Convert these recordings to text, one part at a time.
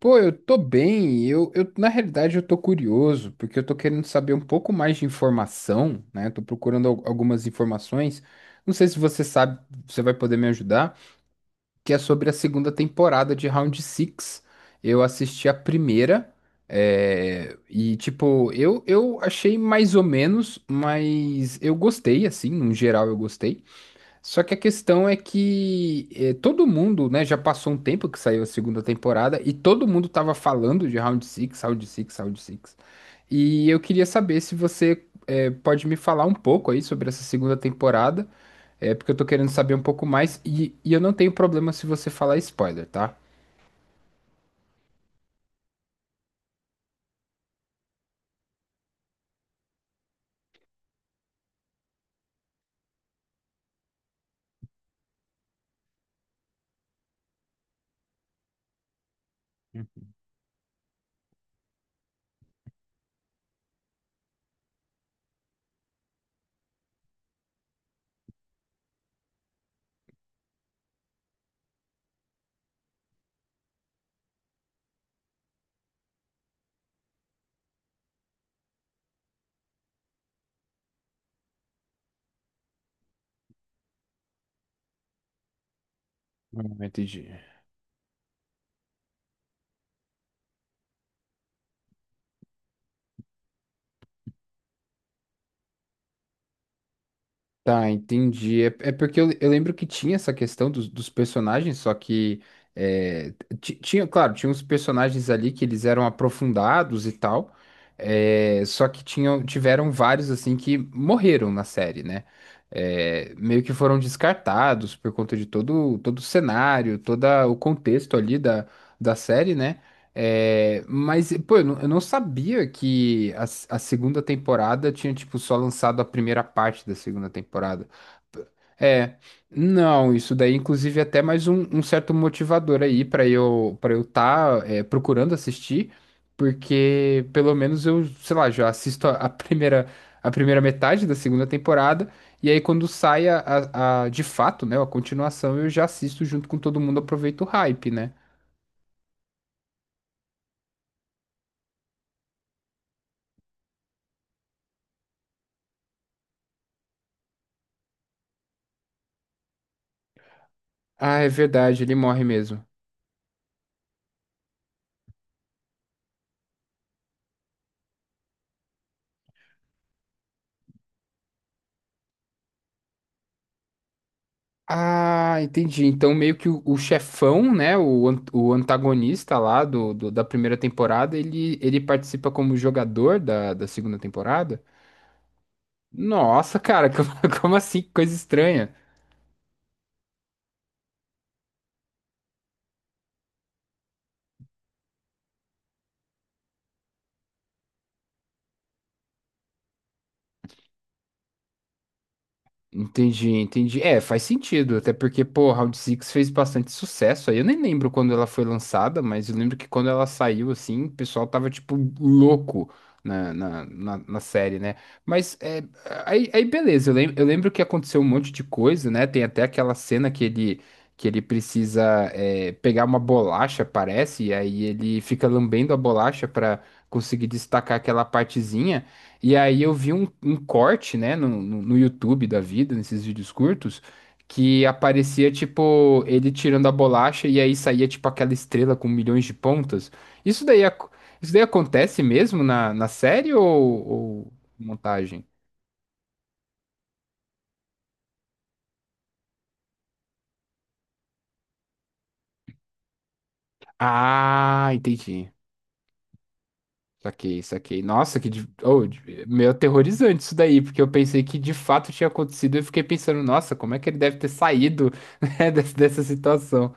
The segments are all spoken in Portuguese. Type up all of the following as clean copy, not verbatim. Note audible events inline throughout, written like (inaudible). Pô, eu tô bem. Eu, na realidade, eu tô curioso, porque eu tô querendo saber um pouco mais de informação, né? Tô procurando algumas informações. Não sei se você sabe, você vai poder me ajudar, que é sobre a segunda temporada de Round Six. Eu assisti a primeira, e, tipo, eu achei mais ou menos, mas eu gostei, assim, no geral eu gostei. Só que a questão é que todo mundo, né, já passou um tempo que saiu a segunda temporada e todo mundo tava falando de Round Six, Round Six, Round Six. E eu queria saber se você pode me falar um pouco aí sobre essa segunda temporada, porque eu tô querendo saber um pouco mais e eu não tenho problema se você falar spoiler, tá? No momento tá, entendi. É, é porque eu lembro que tinha essa questão dos personagens, só que é, tinha, claro, tinha uns personagens ali que eles eram aprofundados e tal, é, só que tinham, tiveram vários assim que morreram na série, né? É, meio que foram descartados por conta todo o cenário, todo o contexto ali da, da série, né? É, mas, pô, eu não sabia que a segunda temporada tinha, tipo, só lançado a primeira parte da segunda temporada. É, não, isso daí, inclusive, é até mais um, um certo motivador aí pra eu para eu estar procurando assistir, porque pelo menos eu, sei lá, já assisto a primeira metade da segunda temporada, e aí quando sai de fato, né, a continuação, eu já assisto junto com todo mundo, aproveito o hype, né? Ah, é verdade, ele morre mesmo. Ah, entendi. Então, meio que o chefão, né? O, o antagonista lá da primeira temporada, ele participa como jogador da segunda temporada? Nossa, cara, (laughs) como, como assim? Que coisa estranha. Entendi, entendi. É, faz sentido, até porque, pô, Round Six fez bastante sucesso aí. Eu nem lembro quando ela foi lançada, mas eu lembro que quando ela saiu, assim, o pessoal tava, tipo, louco na série, né? Mas, é, aí, aí beleza, eu lembro que aconteceu um monte de coisa, né? Tem até aquela cena que ele precisa, é, pegar uma bolacha, parece, e aí ele fica lambendo a bolacha pra conseguir destacar aquela partezinha. E aí eu vi um, um corte, né, no YouTube da vida, nesses vídeos curtos, que aparecia, tipo, ele tirando a bolacha e aí saía, tipo, aquela estrela com milhões de pontas. Isso daí, isso daí acontece mesmo na, na série ou montagem? Ah, entendi. Saquei, saquei. Nossa, que oh, meio aterrorizante isso daí, porque eu pensei que de fato tinha acontecido e fiquei pensando, nossa, como é que ele deve ter saído, (laughs) né, dessa situação?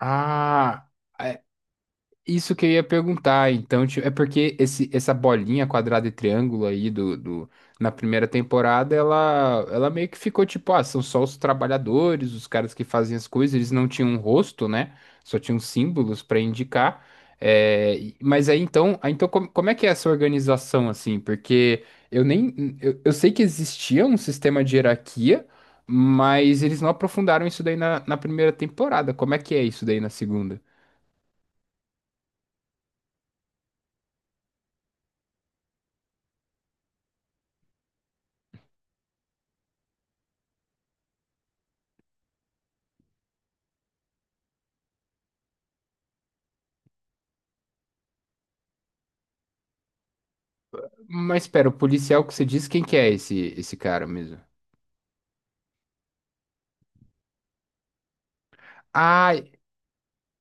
Ah. Isso que eu ia perguntar, então, tipo, é porque esse, essa bolinha quadrada e triângulo aí na primeira temporada, ela meio que ficou tipo, ah, são só os trabalhadores, os caras que fazem as coisas, eles não tinham um rosto, né? Só tinham símbolos para indicar. É, mas aí, então como, como é que é essa organização assim? Porque eu nem, eu sei que existia um sistema de hierarquia, mas eles não aprofundaram isso daí na, na primeira temporada. Como é que é isso daí na segunda? Mas espera, o policial que você disse, quem que é esse cara mesmo? Ah,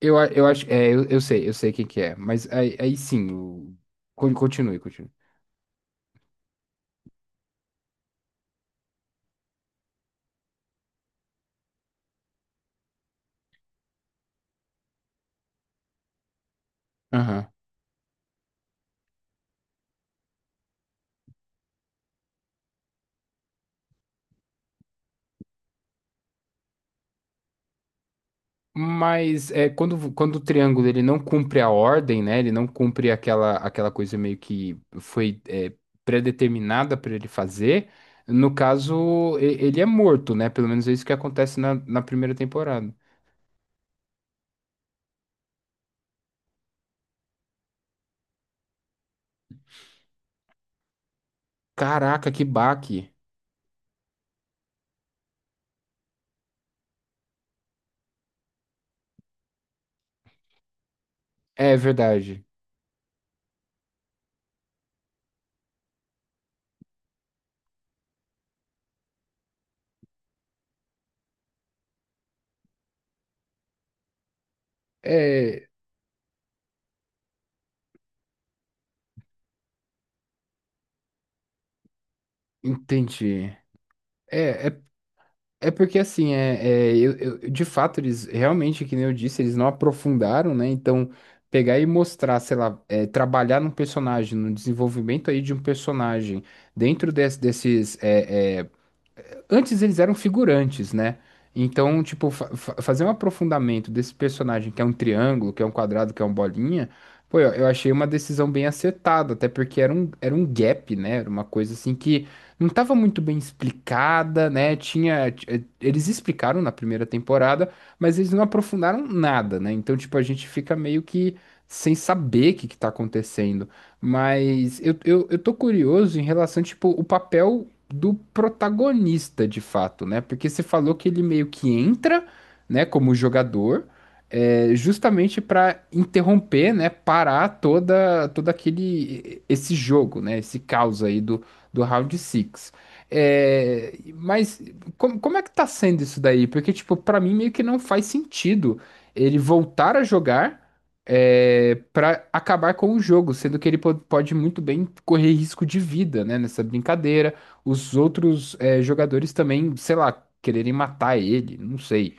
eu, eu acho, é, eu sei quem que é, mas aí, aí sim, continue, continue. Aham. Mas é, quando, quando o triângulo ele não cumpre a ordem, né? Ele não cumpre aquela, aquela coisa meio que foi é, predeterminada para ele fazer. No caso, ele é morto, né? Pelo menos é isso que acontece na, na primeira temporada. Caraca, que baque! É verdade. É, entendi. É, é, é porque assim, é, é, eu, de fato, eles realmente, que nem eu disse, eles não aprofundaram, né? Então, pegar e mostrar, sei lá, é, trabalhar num personagem, no desenvolvimento aí de um personagem, dentro desses é, é, antes eles eram figurantes, né? Então, tipo, fazer um aprofundamento desse personagem que é um triângulo, que é um quadrado, que é um bolinha, pô, eu achei uma decisão bem acertada, até porque era um gap, né? Era uma coisa assim que não estava muito bem explicada, né? Tinha, eles explicaram na primeira temporada, mas eles não aprofundaram nada, né? Então, tipo, a gente fica meio que sem saber o que que tá acontecendo. Mas eu tô curioso em relação, tipo, o papel do protagonista, de fato, né? Porque você falou que ele meio que entra, né, como jogador, é, justamente para interromper, né, parar toda todo aquele esse jogo, né, esse caos aí do, do Round Six. É, mas como, como é que tá sendo isso daí? Porque, tipo, para mim meio que não faz sentido ele voltar a jogar é, para acabar com o jogo, sendo que ele pode muito bem correr risco de vida, né, nessa brincadeira os outros é, jogadores também, sei lá, quererem matar ele, não sei.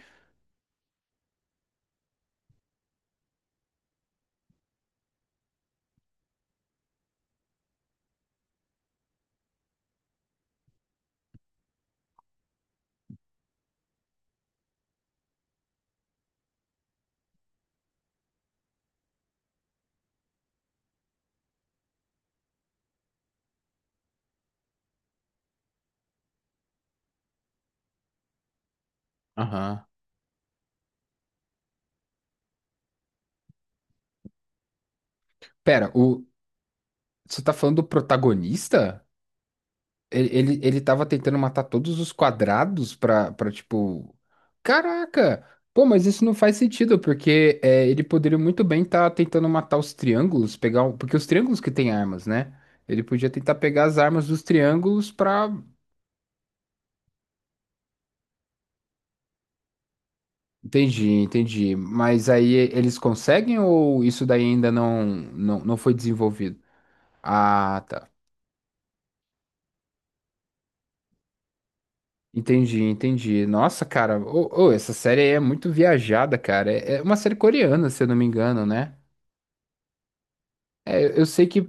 Aham. Pera, o, você tá falando do protagonista? Ele, ele tava tentando matar todos os quadrados pra, pra tipo. Caraca! Pô, mas isso não faz sentido, porque é, ele poderia muito bem estar tentando matar os triângulos, pegar. Porque os triângulos que têm armas, né? Ele podia tentar pegar as armas dos triângulos pra entendi, entendi. Mas aí eles conseguem ou isso daí ainda não, não, não foi desenvolvido? Ah, tá. Entendi, entendi. Nossa, cara, ô, ô, essa série aí é muito viajada, cara. É, é uma série coreana, se eu não me engano, né? É, eu sei que,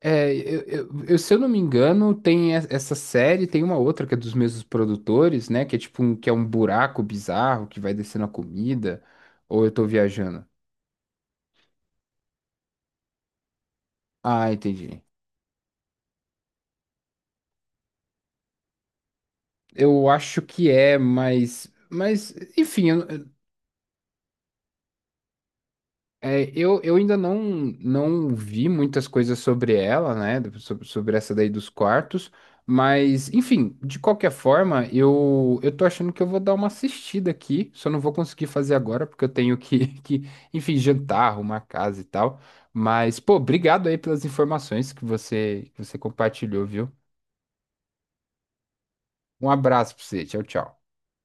é, eu, se eu não me engano, tem essa série, tem uma outra que é dos mesmos produtores, né? Que é tipo um, que é um buraco bizarro que vai descendo a comida. Ou eu tô viajando? Ah, entendi. Eu acho que é, mas enfim, eu, é, eu ainda não, não vi muitas coisas sobre ela, né? Sobre, sobre essa daí dos quartos. Mas, enfim, de qualquer forma, eu tô achando que eu vou dar uma assistida aqui. Só não vou conseguir fazer agora, porque eu tenho que, (laughs) que, enfim, jantar, arrumar casa e tal. Mas, pô, obrigado aí pelas informações que você compartilhou, viu? Um abraço pra você. Tchau, tchau.